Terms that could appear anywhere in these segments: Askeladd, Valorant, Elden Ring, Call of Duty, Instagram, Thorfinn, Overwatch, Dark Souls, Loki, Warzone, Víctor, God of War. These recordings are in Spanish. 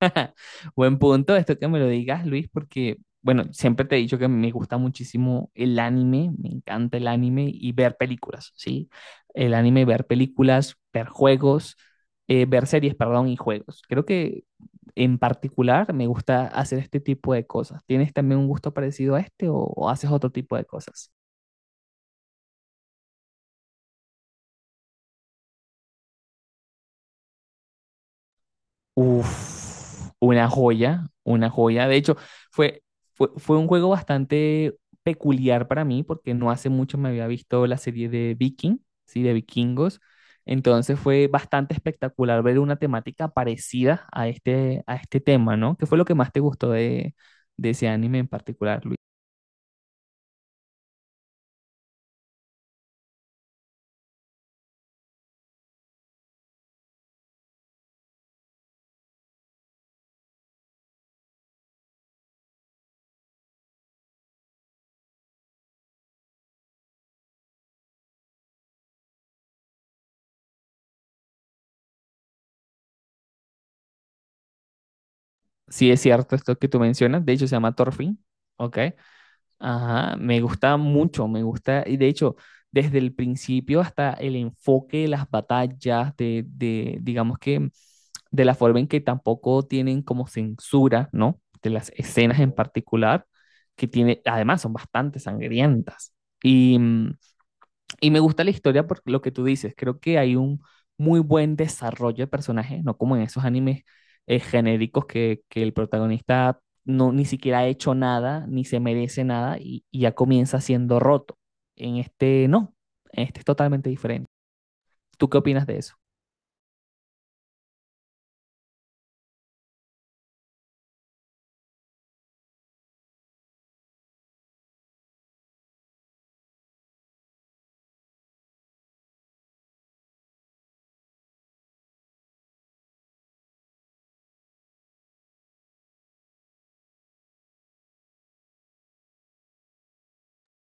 Buen punto, esto que me lo digas, Luis, porque, bueno, siempre te he dicho que me gusta muchísimo el anime, me encanta el anime y ver películas, ¿sí? El anime, ver películas, ver juegos, ver series, perdón, y juegos. Creo que en particular me gusta hacer este tipo de cosas. ¿Tienes también un gusto parecido a este o haces otro tipo de cosas? Uf, una joya, una joya. De hecho, fue, fue un juego bastante peculiar para mí porque no hace mucho me había visto la serie de Viking, ¿sí? De vikingos. Entonces fue bastante espectacular ver una temática parecida a este tema, ¿no? ¿Qué fue lo que más te gustó de ese anime en particular, Luis? Sí, es cierto esto que tú mencionas. De hecho, se llama Thorfinn, ¿ok? Ajá, me gusta mucho, me gusta, y de hecho, desde el principio hasta el enfoque de las batallas, digamos que, de la forma en que tampoco tienen como censura, ¿no? De las escenas en particular, que tiene, además son bastante sangrientas. Y, y me gusta la historia por lo que tú dices. Creo que hay un muy buen desarrollo de personajes, no como en esos animes genéricos que el protagonista no ni siquiera ha hecho nada, ni se merece nada y, y ya comienza siendo roto. En este no, en este es totalmente diferente. ¿Tú qué opinas de eso?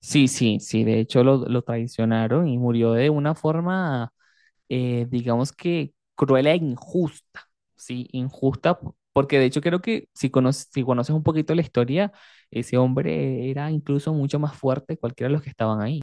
Sí, sí, sí, de hecho lo traicionaron y murió de una forma digamos que cruel e injusta, ¿sí? Injusta, porque de hecho creo que si conoces, si conoces un poquito la historia, ese hombre era incluso mucho más fuerte que cualquiera de los que estaban ahí.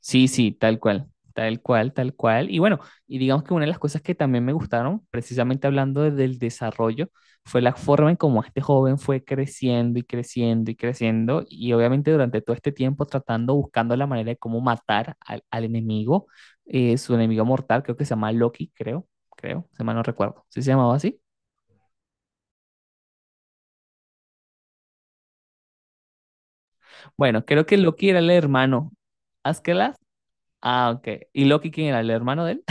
Sí, sí, tal cual, tal cual, tal cual. Y bueno, y digamos que una de las cosas que también me gustaron, precisamente hablando del desarrollo, fue la forma en cómo este joven fue creciendo y creciendo y creciendo, y obviamente durante todo este tiempo tratando, buscando la manera de cómo matar al, al enemigo, su enemigo mortal, creo que se llama Loki, se mal no recuerdo, ¿sí se llamaba así? Bueno, creo que Loki era el hermano. ¿Askeladd? Ah, ok. ¿Y Loki quién era? ¿El hermano de él?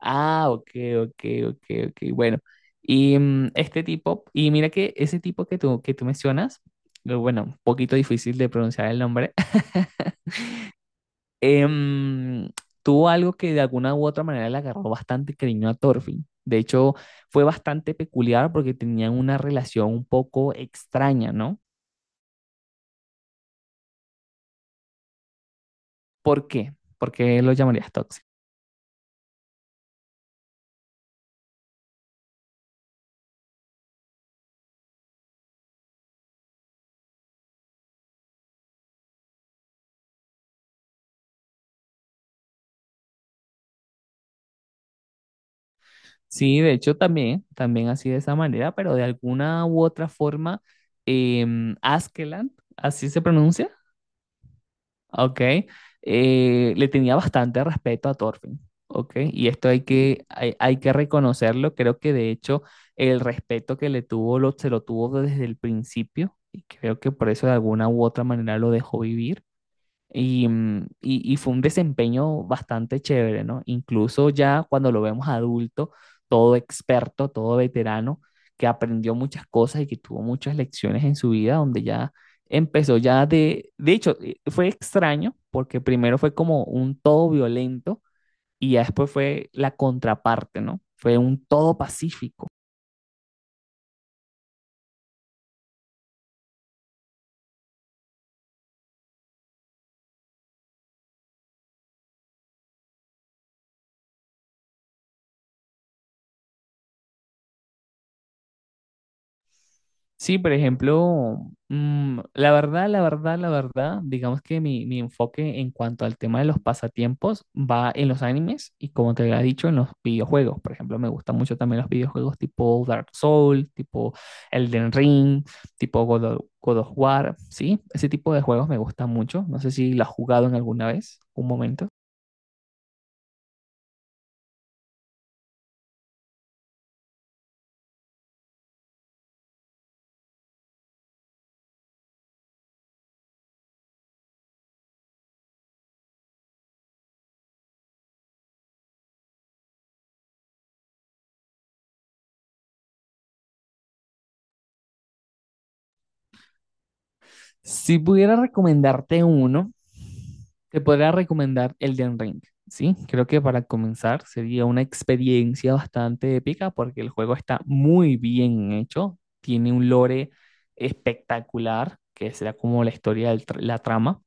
Ah, ok, ok, ok, ok. Bueno, y este tipo, y mira que ese tipo que tú mencionas, bueno, un poquito difícil de pronunciar el nombre, em, tuvo algo que de alguna u otra manera le agarró bastante cariño a Thorfinn. De hecho, fue bastante peculiar porque tenían una relación un poco extraña, ¿no? ¿Por qué? ¿Por qué lo llamarías tóxico? Sí, de hecho también, también así de esa manera, pero de alguna u otra forma, Askeland, así se pronuncia, ¿ok? Eh, le tenía bastante respeto a Thorfinn, ¿ok? Y esto hay que reconocerlo, creo que de hecho el respeto que le tuvo lo, se lo tuvo desde el principio y creo que por eso de alguna u otra manera lo dejó vivir. Y, y fue un desempeño bastante chévere, ¿no? Incluso ya cuando lo vemos adulto, todo experto, todo veterano, que aprendió muchas cosas y que tuvo muchas lecciones en su vida, donde ya empezó ya de hecho, fue extraño, porque primero fue como un todo violento y ya después fue la contraparte, ¿no? Fue un todo pacífico. Sí, por ejemplo, la verdad, la verdad, la verdad, digamos que mi enfoque en cuanto al tema de los pasatiempos va en los animes y como te había dicho, en los videojuegos. Por ejemplo, me gustan mucho también los videojuegos tipo Dark Souls, tipo Elden Ring, tipo God of War, ¿sí? Ese tipo de juegos me gustan mucho. No sé si lo has jugado en alguna vez, un momento. Si pudiera recomendarte uno, te podría recomendar Elden Ring, ¿sí? Creo que para comenzar sería una experiencia bastante épica porque el juego está muy bien hecho, tiene un lore espectacular, que será como la historia de la trama,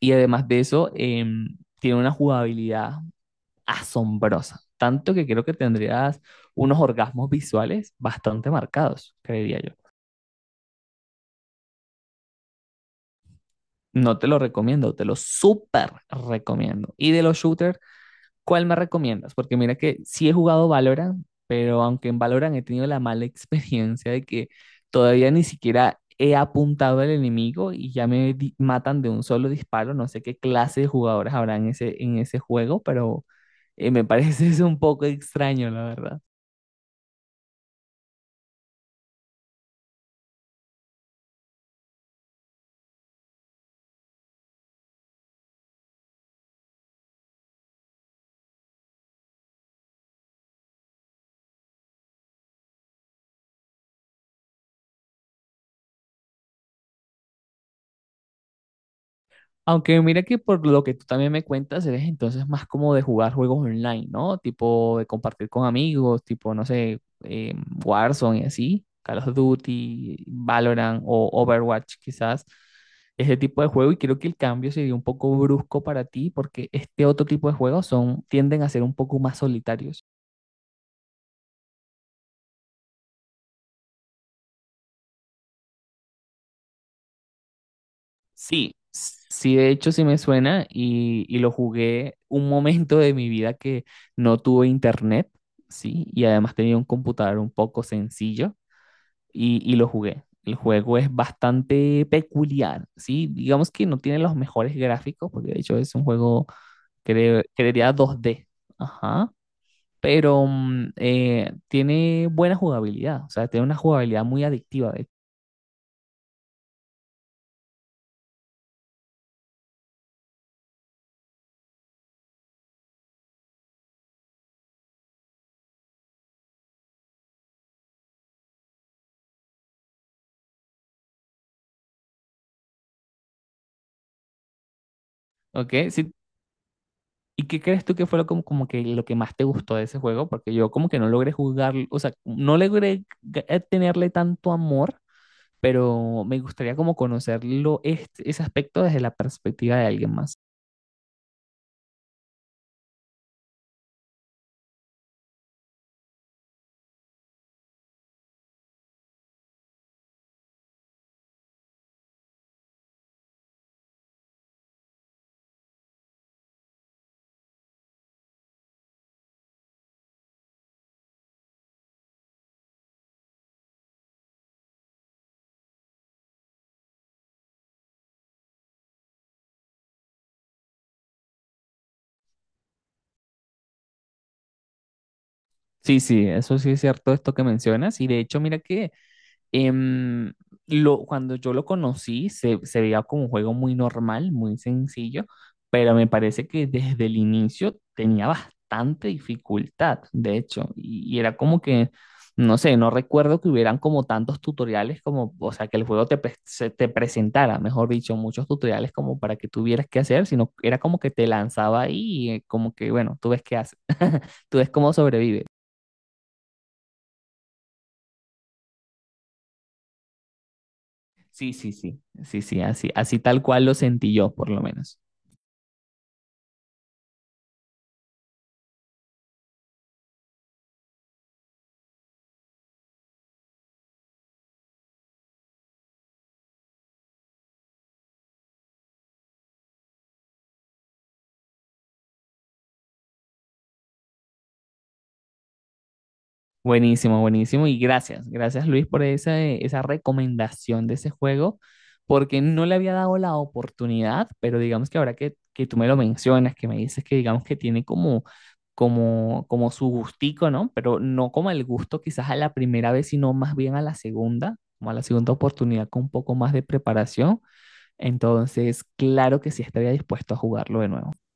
y además de eso, tiene una jugabilidad asombrosa, tanto que creo que tendrías unos orgasmos visuales bastante marcados, creería yo. No te lo recomiendo, te lo súper recomiendo. Y de los shooters, ¿cuál me recomiendas? Porque mira que sí he jugado Valorant, pero aunque en Valorant he tenido la mala experiencia de que todavía ni siquiera he apuntado al enemigo y ya matan de un solo disparo. No sé qué clase de jugadores habrá en ese juego, pero me parece eso un poco extraño, la verdad. Aunque mira que por lo que tú también me cuentas, eres entonces más como de jugar juegos online, ¿no? Tipo de compartir con amigos, tipo, no sé, Warzone y así, Call of Duty, Valorant o Overwatch quizás, ese tipo de juego. Y creo que el cambio sería un poco brusco para ti porque este otro tipo de juegos son, tienden a ser un poco más solitarios. Sí, sí, de hecho sí me suena y lo jugué un momento de mi vida que no tuve internet, sí, y además tenía un computador un poco sencillo y lo jugué. El juego es bastante peculiar, sí, digamos que no tiene los mejores gráficos, porque de hecho es un juego, creería dos d, ajá, pero tiene buena jugabilidad, o sea, tiene una jugabilidad muy adictiva, de hecho. Ok, si. ¿Y qué crees tú que fue lo, como, como que lo que más te gustó de ese juego? Porque yo como que no logré jugar, o sea, no logré g- tenerle tanto amor, pero me gustaría como conocerlo, ese aspecto desde la perspectiva de alguien más. Sí, sí, eso sí es cierto, esto que mencionas. Y de hecho, mira que Em, cuando yo lo conocí, se veía como un juego muy normal, muy sencillo, pero me parece que desde el inicio tenía bastante dificultad, de hecho, y era como que, no sé, no recuerdo que hubieran como tantos tutoriales como, o sea, que el juego se te presentara, mejor dicho, muchos tutoriales como para que tuvieras que hacer, sino era como que te lanzaba ahí y como que, bueno, tú ves qué haces, tú ves cómo sobrevives. Sí, sí, sí, sí, sí, así, así tal cual lo sentí yo, por lo menos. Buenísimo, buenísimo. Y gracias, gracias Luis por esa, esa recomendación de ese juego, porque no le había dado la oportunidad, pero digamos que ahora que tú me lo mencionas, que me dices que digamos que tiene como, como, como su gustico, ¿no? Pero no como el gusto quizás a la primera vez, sino más bien a la segunda, como a la segunda oportunidad con un poco más de preparación. Entonces, claro que sí estaría dispuesto a jugarlo de nuevo.